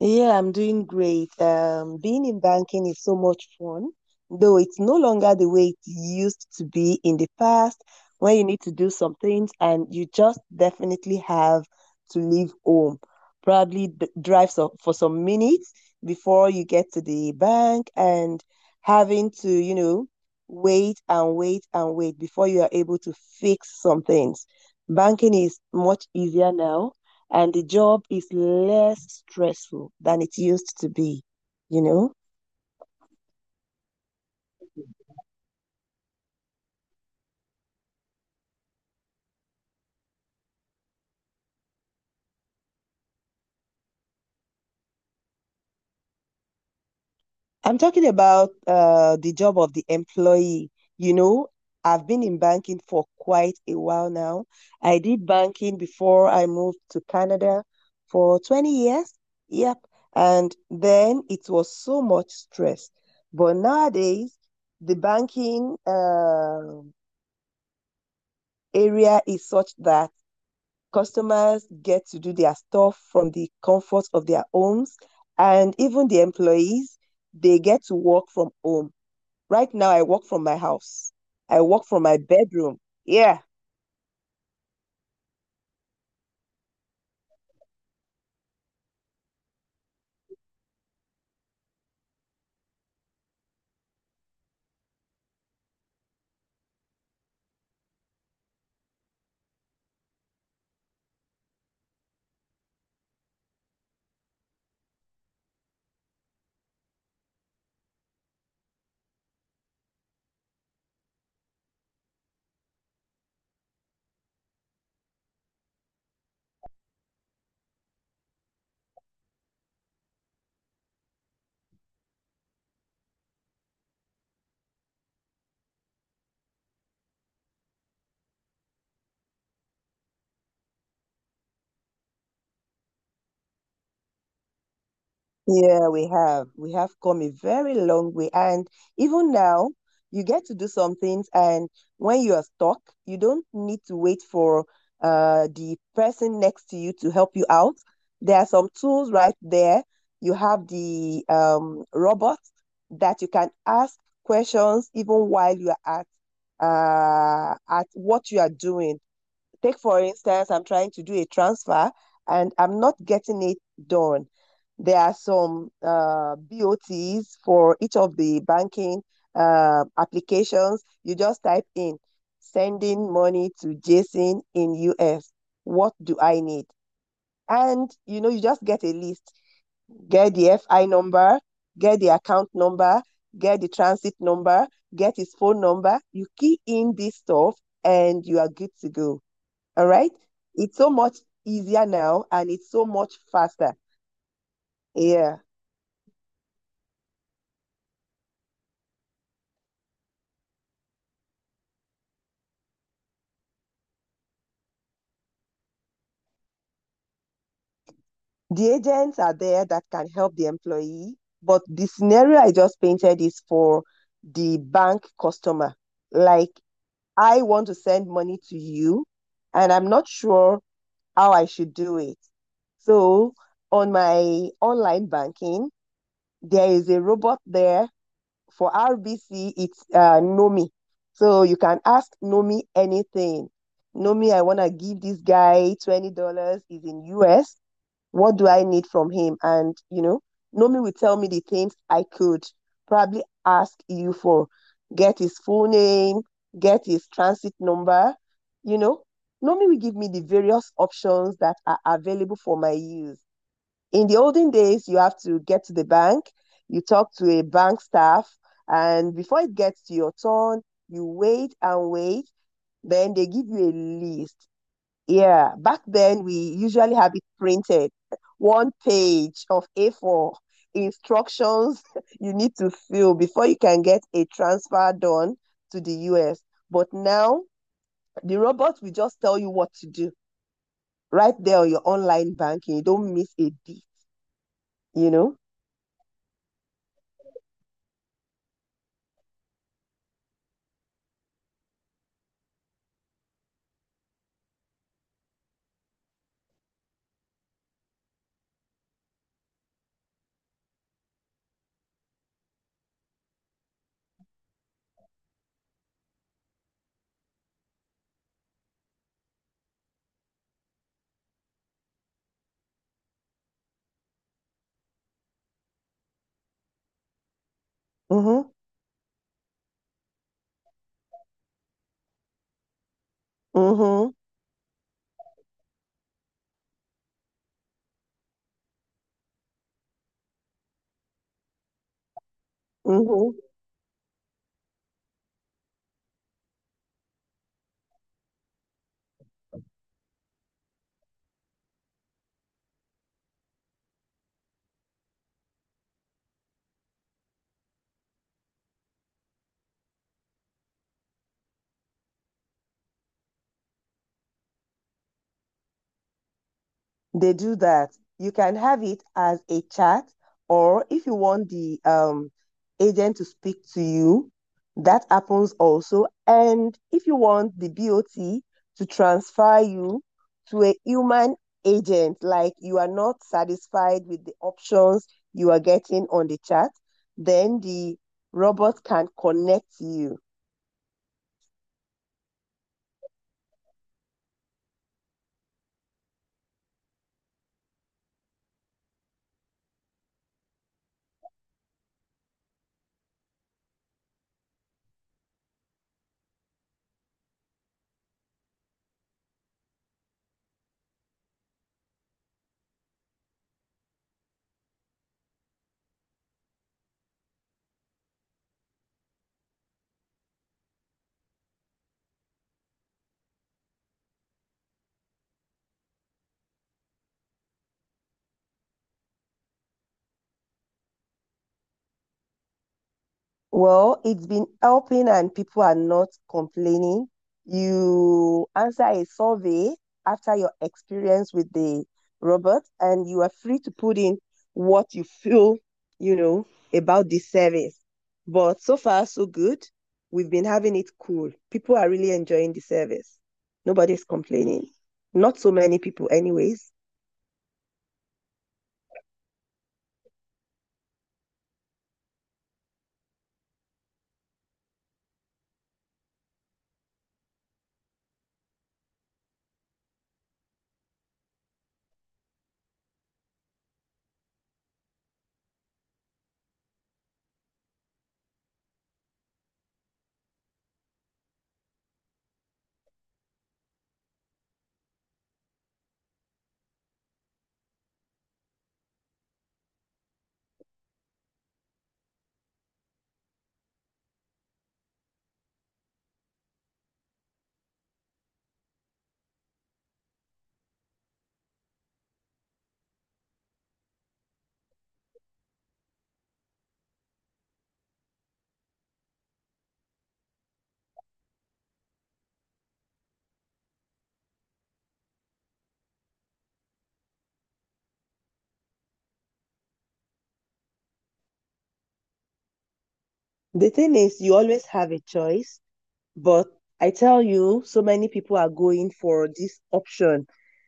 Yeah, I'm doing great. Being in banking is so much fun, though it's no longer the way it used to be in the past, when you need to do some things and you just definitely have to leave home. Probably d drive so for some minutes before you get to the bank and having to, wait and wait and wait before you are able to fix some things. Banking is much easier now and the job is less stressful than it used to be, you know? I'm talking about the job of the employee. You know, I've been in banking for quite a while now. I did banking before I moved to Canada for 20 years. Yep. And then it was so much stress. But nowadays, the banking area is such that customers get to do their stuff from the comfort of their homes, and even the employees, they get to work from home. Right now, I work from my house. I work from my bedroom. Yeah. Yeah, we have. We have come a very long way. And even now, you get to do some things. And when you are stuck, you don't need to wait for the person next to you to help you out. There are some tools right there. You have the robot that you can ask questions even while you are at what you are doing. Take, for instance, I'm trying to do a transfer and I'm not getting it done. There are some BOTs for each of the banking applications. You just type in sending money to Jason in US. What do I need? And you just get a list. Get the FI number, get the account number, get the transit number, get his phone number. You key in this stuff and you are good to go. All right. It's so much easier now and it's so much faster. Yeah. The agents are there that can help the employee, but the scenario I just painted is for the bank customer. Like, I want to send money to you, and I'm not sure how I should do it. So, on my online banking, there is a robot there for RBC, it's Nomi. So you can ask Nomi anything. Nomi, I want to give this guy $20. He's in US. What do I need from him? And, you know, Nomi will tell me the things I could probably ask you for. Get his full name, get his transit number, you know. Nomi will give me the various options that are available for my use in the olden days, you have to get to the bank, you talk to a bank staff, and before it gets to your turn, you wait and wait. Then they give you a list. Yeah, back then we usually have it printed, one page of A4 instructions you need to fill before you can get a transfer done to the US. But now the robot will just tell you what to do right there on your online banking. You don't miss a beat, you know? Mm-hmm. Mm-hmm, mm-hmm. They do that. You can have it as a chat, or if you want the agent to speak to you, that happens also. And if you want the BOT to transfer you to a human agent, like you are not satisfied with the options you are getting on the chat, then the robot can connect you. Well, it's been helping and people are not complaining. You answer a survey after your experience with the robot, and you are free to put in what you feel, you know, about the service. But so far, so good. We've been having it cool. People are really enjoying the service. Nobody's complaining. Not so many people, anyways. The thing is, you always have a choice. But I tell you, so many people are going for this option.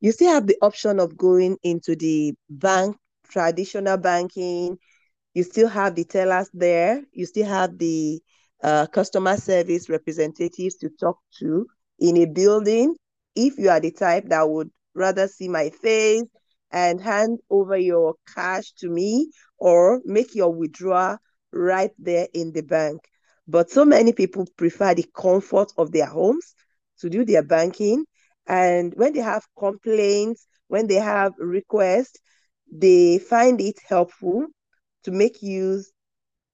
You still have the option of going into the bank, traditional banking, you still have the tellers there, you still have the customer service representatives to talk to in a building. If you are the type that would rather see my face and hand over your cash to me or make your withdrawal right there in the bank. But so many people prefer the comfort of their homes to do their banking. And when they have complaints, when they have requests, they find it helpful to make use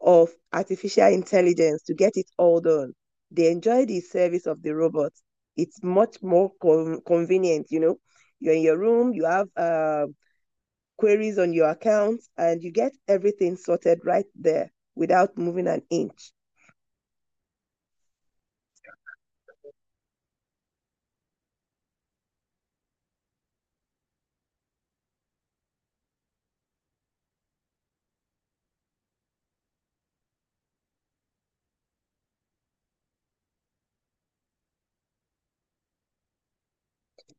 of artificial intelligence to get it all done. They enjoy the service of the robots. It's much more convenient, you know. You're in your room, you have queries on your account, and you get everything sorted right there without moving an inch.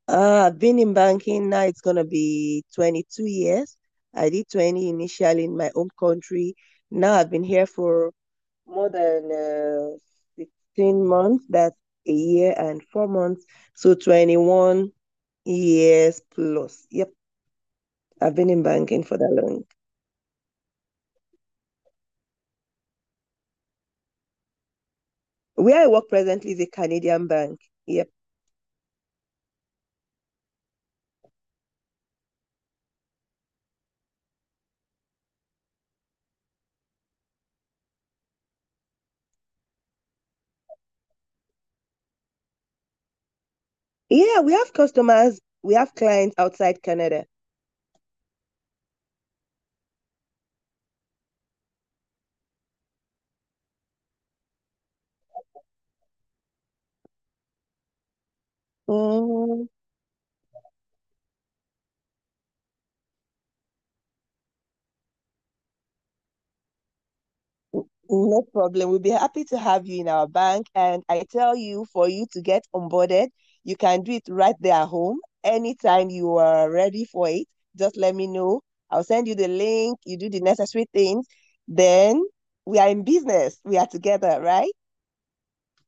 I've been in banking now, it's going to be 22 years. I did 20 initially in my home country. Now I've been here for more than 16 months, that's a year and 4 months. So 21 years plus. Yep. I've been in banking for that long. Where I work presently is a Canadian bank. Yep. Yeah, we have customers, we have clients outside Canada. No problem. We'll be happy to have you in our bank. And I tell you, for you to get onboarded, you can do it right there at home. Anytime you are ready for it, just let me know. I'll send you the link. You do the necessary things. Then we are in business. We are together, right?